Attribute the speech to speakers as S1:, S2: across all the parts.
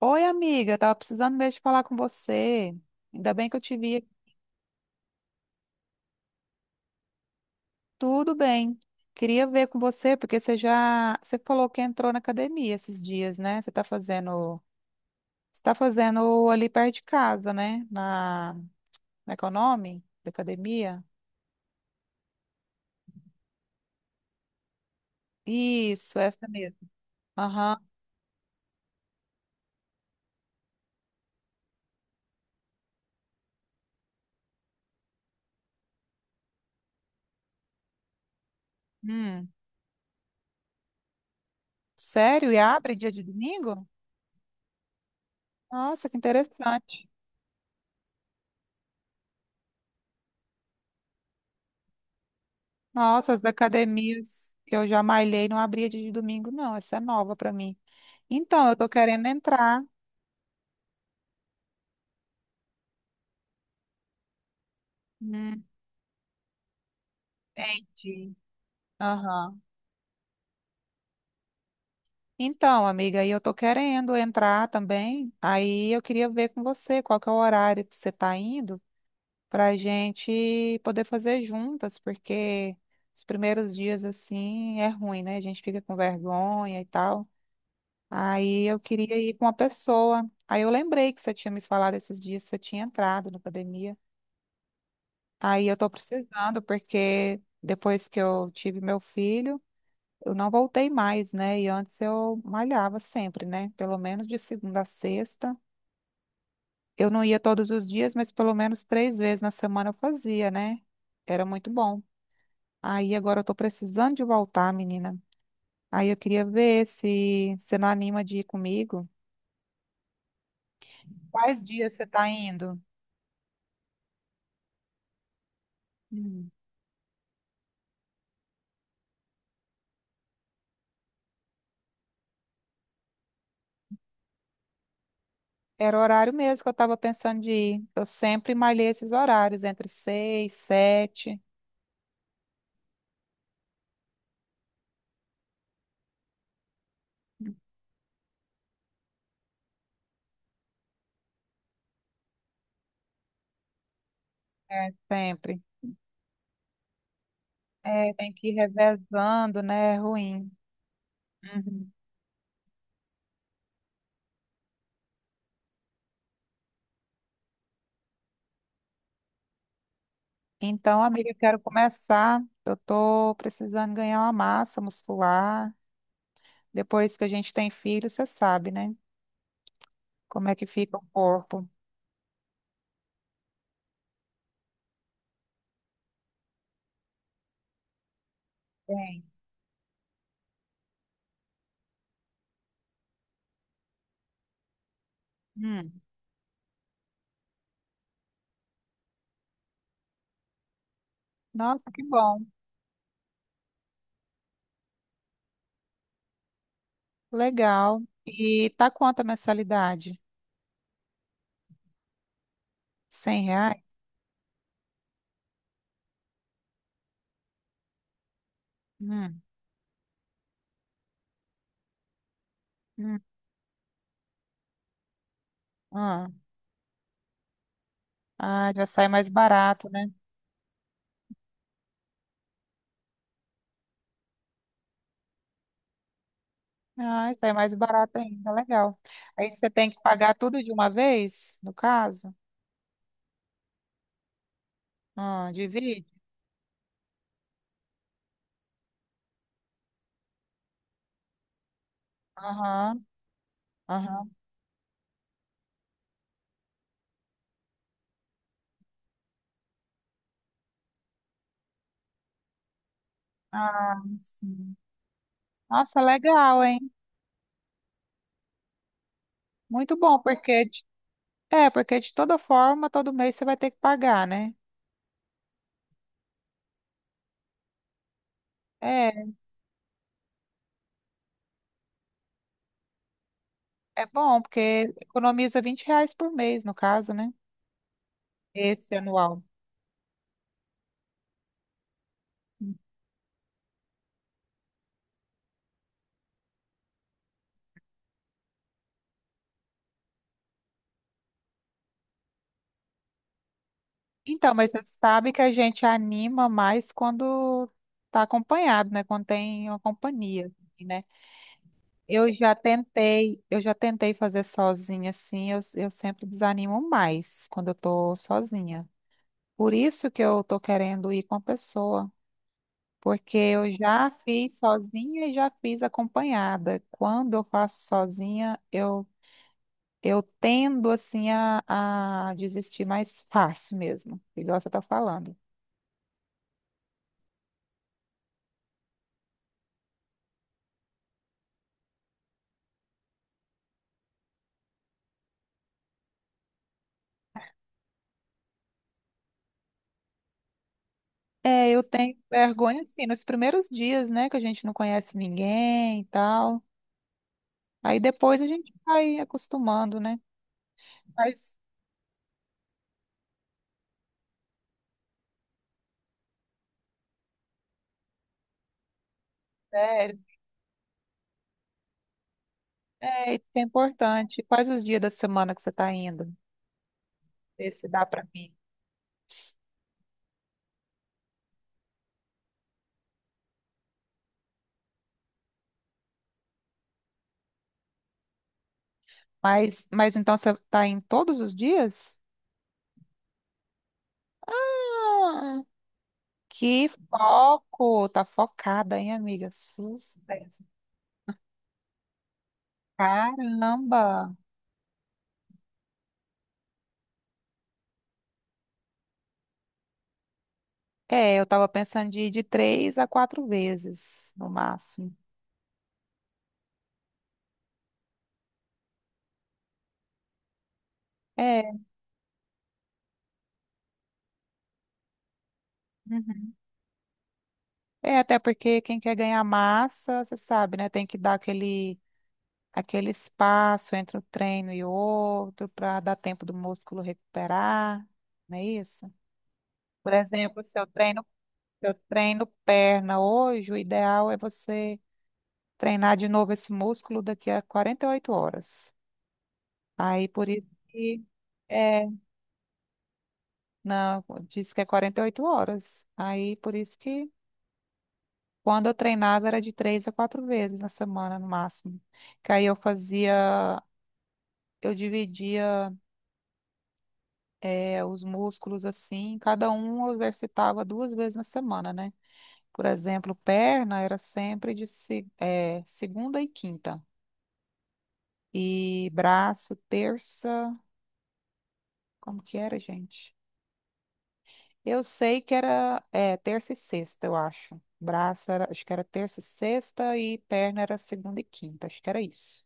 S1: Oi, amiga, tava precisando mesmo de falar com você. Ainda bem que eu te vi. Tudo bem. Queria ver com você, porque você falou que entrou na academia esses dias, né? Você tá fazendo ali perto de casa, né? Na Econome, da academia. Isso, essa mesmo. Aham. Hum. Sério? E abre dia de domingo? Nossa, que interessante. Nossa, as academias que eu já malhei não abria dia de domingo, não. Essa é nova para mim. Então, eu tô querendo entrar. Hum, entendi. Aham. Então, amiga, aí eu tô querendo entrar também. Aí eu queria ver com você qual que é o horário que você tá indo para a gente poder fazer juntas, porque os primeiros dias assim é ruim, né? A gente fica com vergonha e tal. Aí eu queria ir com uma pessoa. Aí eu lembrei que você tinha me falado esses dias que você tinha entrado na academia. Aí eu tô precisando, porque depois que eu tive meu filho. Eu não voltei mais, né? E antes eu malhava sempre, né? Pelo menos de segunda a sexta. Eu não ia todos os dias, mas pelo menos três vezes na semana eu fazia, né? Era muito bom. Aí agora eu tô precisando de voltar, menina. Aí eu queria ver se você não anima de ir comigo. Quais dias você tá indo? Hum. Era o horário mesmo que eu tava pensando de ir. Eu sempre malhei esses horários, entre seis, sete. É, sempre. É, tem que ir revezando, né? É ruim. Uhum. Então, amiga, eu quero começar. Eu tô precisando ganhar uma massa muscular. Depois que a gente tem filho, você sabe, né? Como é que fica o corpo. Tem. Hum. Nossa, que bom. Legal. E tá quanto a mensalidade? R$ 100? Hum. Hum. Ah, ah, já sai mais barato, né? Ah, sai mais barato ainda. Legal. Aí você tem que pagar tudo de uma vez, no caso? Ah, divide? Aham, aham. Ah, sim. Nossa, legal, hein? Muito bom, porque de- é, porque de toda forma, todo mês você vai ter que pagar, né? É, é bom, porque economiza R$ 20 por mês, no caso, né? Esse anual. Então, mas você sabe que a gente anima mais quando tá acompanhado, né? Quando tem uma companhia, assim, né? Eu já tentei fazer sozinha, assim, eu sempre desanimo mais quando eu tô sozinha. Por isso que eu tô querendo ir com a pessoa. Porque eu já fiz sozinha e já fiz acompanhada. Quando eu faço sozinha, eu tendo assim a desistir mais fácil mesmo, igual você está falando. É, eu tenho vergonha assim nos primeiros dias, né, que a gente não conhece ninguém e tal. Aí depois a gente vai acostumando, né? Mas sério, é, isso que é importante. Quais os dias da semana que você está indo? Ver se dá para mim. Mas então você está em todos os dias? Ah, que foco! Tá focada, hein, amiga? Sucesso. Caramba! É, eu tava pensando de ir de três a quatro vezes, no máximo. É, uhum. É, até porque quem quer ganhar massa, você sabe, né? Tem que dar aquele espaço entre um treino e outro para dar tempo do músculo recuperar, não é isso? Por exemplo, se eu treino perna hoje, o ideal é você. Treinar de novo esse músculo daqui a 48 horas. Aí por isso que é, não, diz que é 48 horas. Aí por isso que quando eu treinava era de três a quatro vezes na semana no máximo. Que aí eu fazia, eu dividia é, os músculos assim, cada um eu exercitava duas vezes na semana, né? Por exemplo, perna era sempre de se- é, segunda e quinta. E braço, terça, como que era, gente? Eu sei que era é, terça e sexta, eu acho. Braço era, acho que era terça e sexta e perna era segunda e quinta, acho que era isso.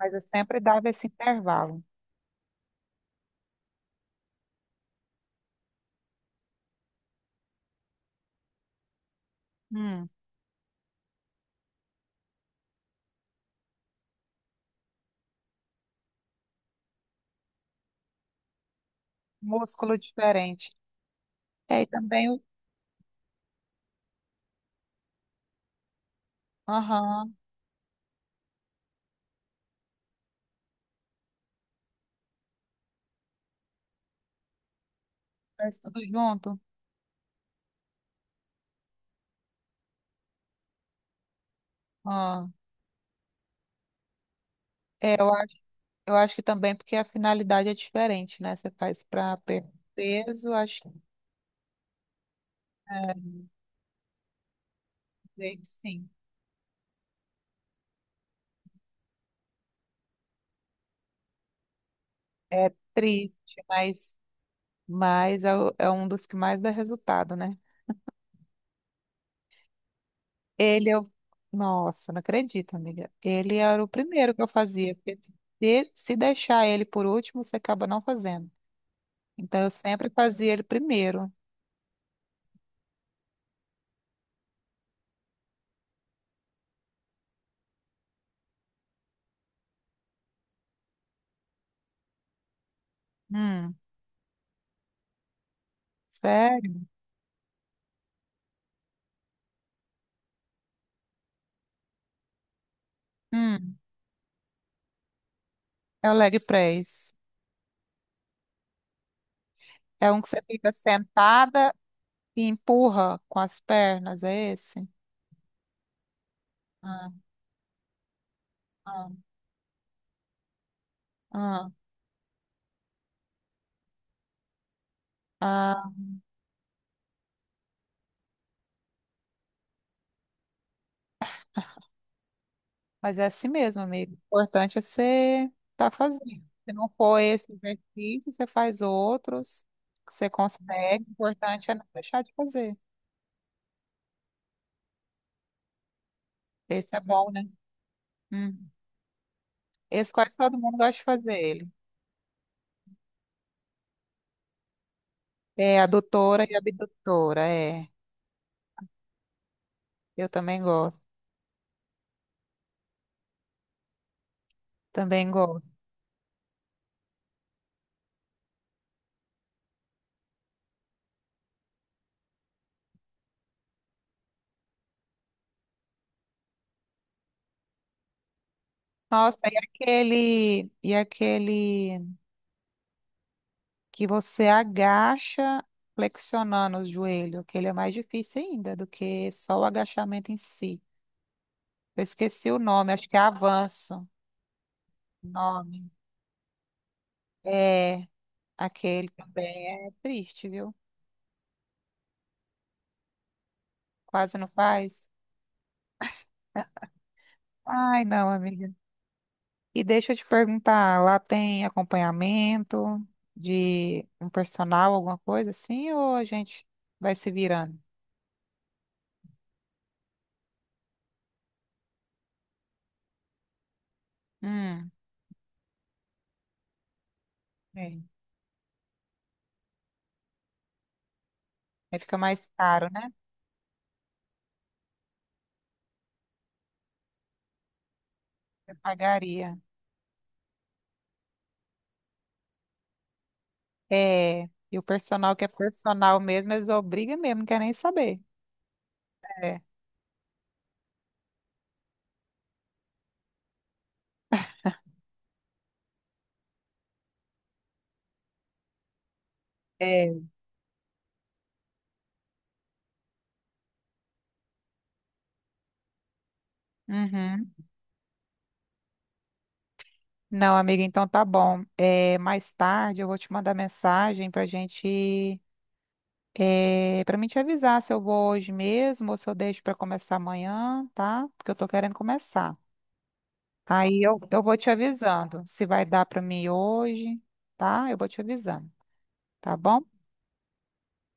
S1: Mas eu sempre dava esse intervalo. Hum, músculo diferente. É, e também, o- aham, faz tudo junto. Ah, é, eu acho que também porque a finalidade é diferente, né? Você faz para perder peso, acho que é, creio que sim. É triste, mas é, o- é um dos que mais dá resultado, né? Ele eu, nossa, não acredito, amiga. Ele era o primeiro que eu fazia. Porque se deixar ele por último, você acaba não fazendo. Então eu sempre fazia ele primeiro. Hum, sério? Hum, é o leg press. É um que você fica sentada e empurra com as pernas, é esse? Ah, ah, ah, ah. Mas é assim mesmo, amigo. O importante é você estar fazendo. Se não for esse exercício, você faz outros que você consegue. O importante é não deixar de fazer. Esse é bom, né? Hum. Esse quase todo mundo gosta de fazer ele. É, adutora e abdutora, é. Eu também gosto. Também gosto. Nossa, e aquele que você agacha flexionando o joelho, aquele é mais difícil ainda do que só o agachamento em si. Eu esqueci o nome, acho que é Avanço. O Nome. É, aquele também é triste, viu? Quase não faz. Ai, não, amiga. E deixa eu te perguntar, lá tem acompanhamento de um personal, alguma coisa assim, ou a gente vai se virando? Hum, bem. Aí fica mais caro, né? Eu pagaria. É, e o personal que é personal mesmo, eles obrigam mesmo, não quer nem saber. É. É. Uhum. Não, amiga, então tá bom. É, mais tarde eu vou te mandar mensagem pra gente, é, pra mim te avisar se eu vou hoje mesmo ou se eu deixo pra começar amanhã, tá? Porque eu tô querendo começar. Aí eu vou te avisando se vai dar pra mim hoje, tá? Eu vou te avisando, tá bom?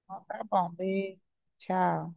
S1: Então tá bom, beijo. Tchau.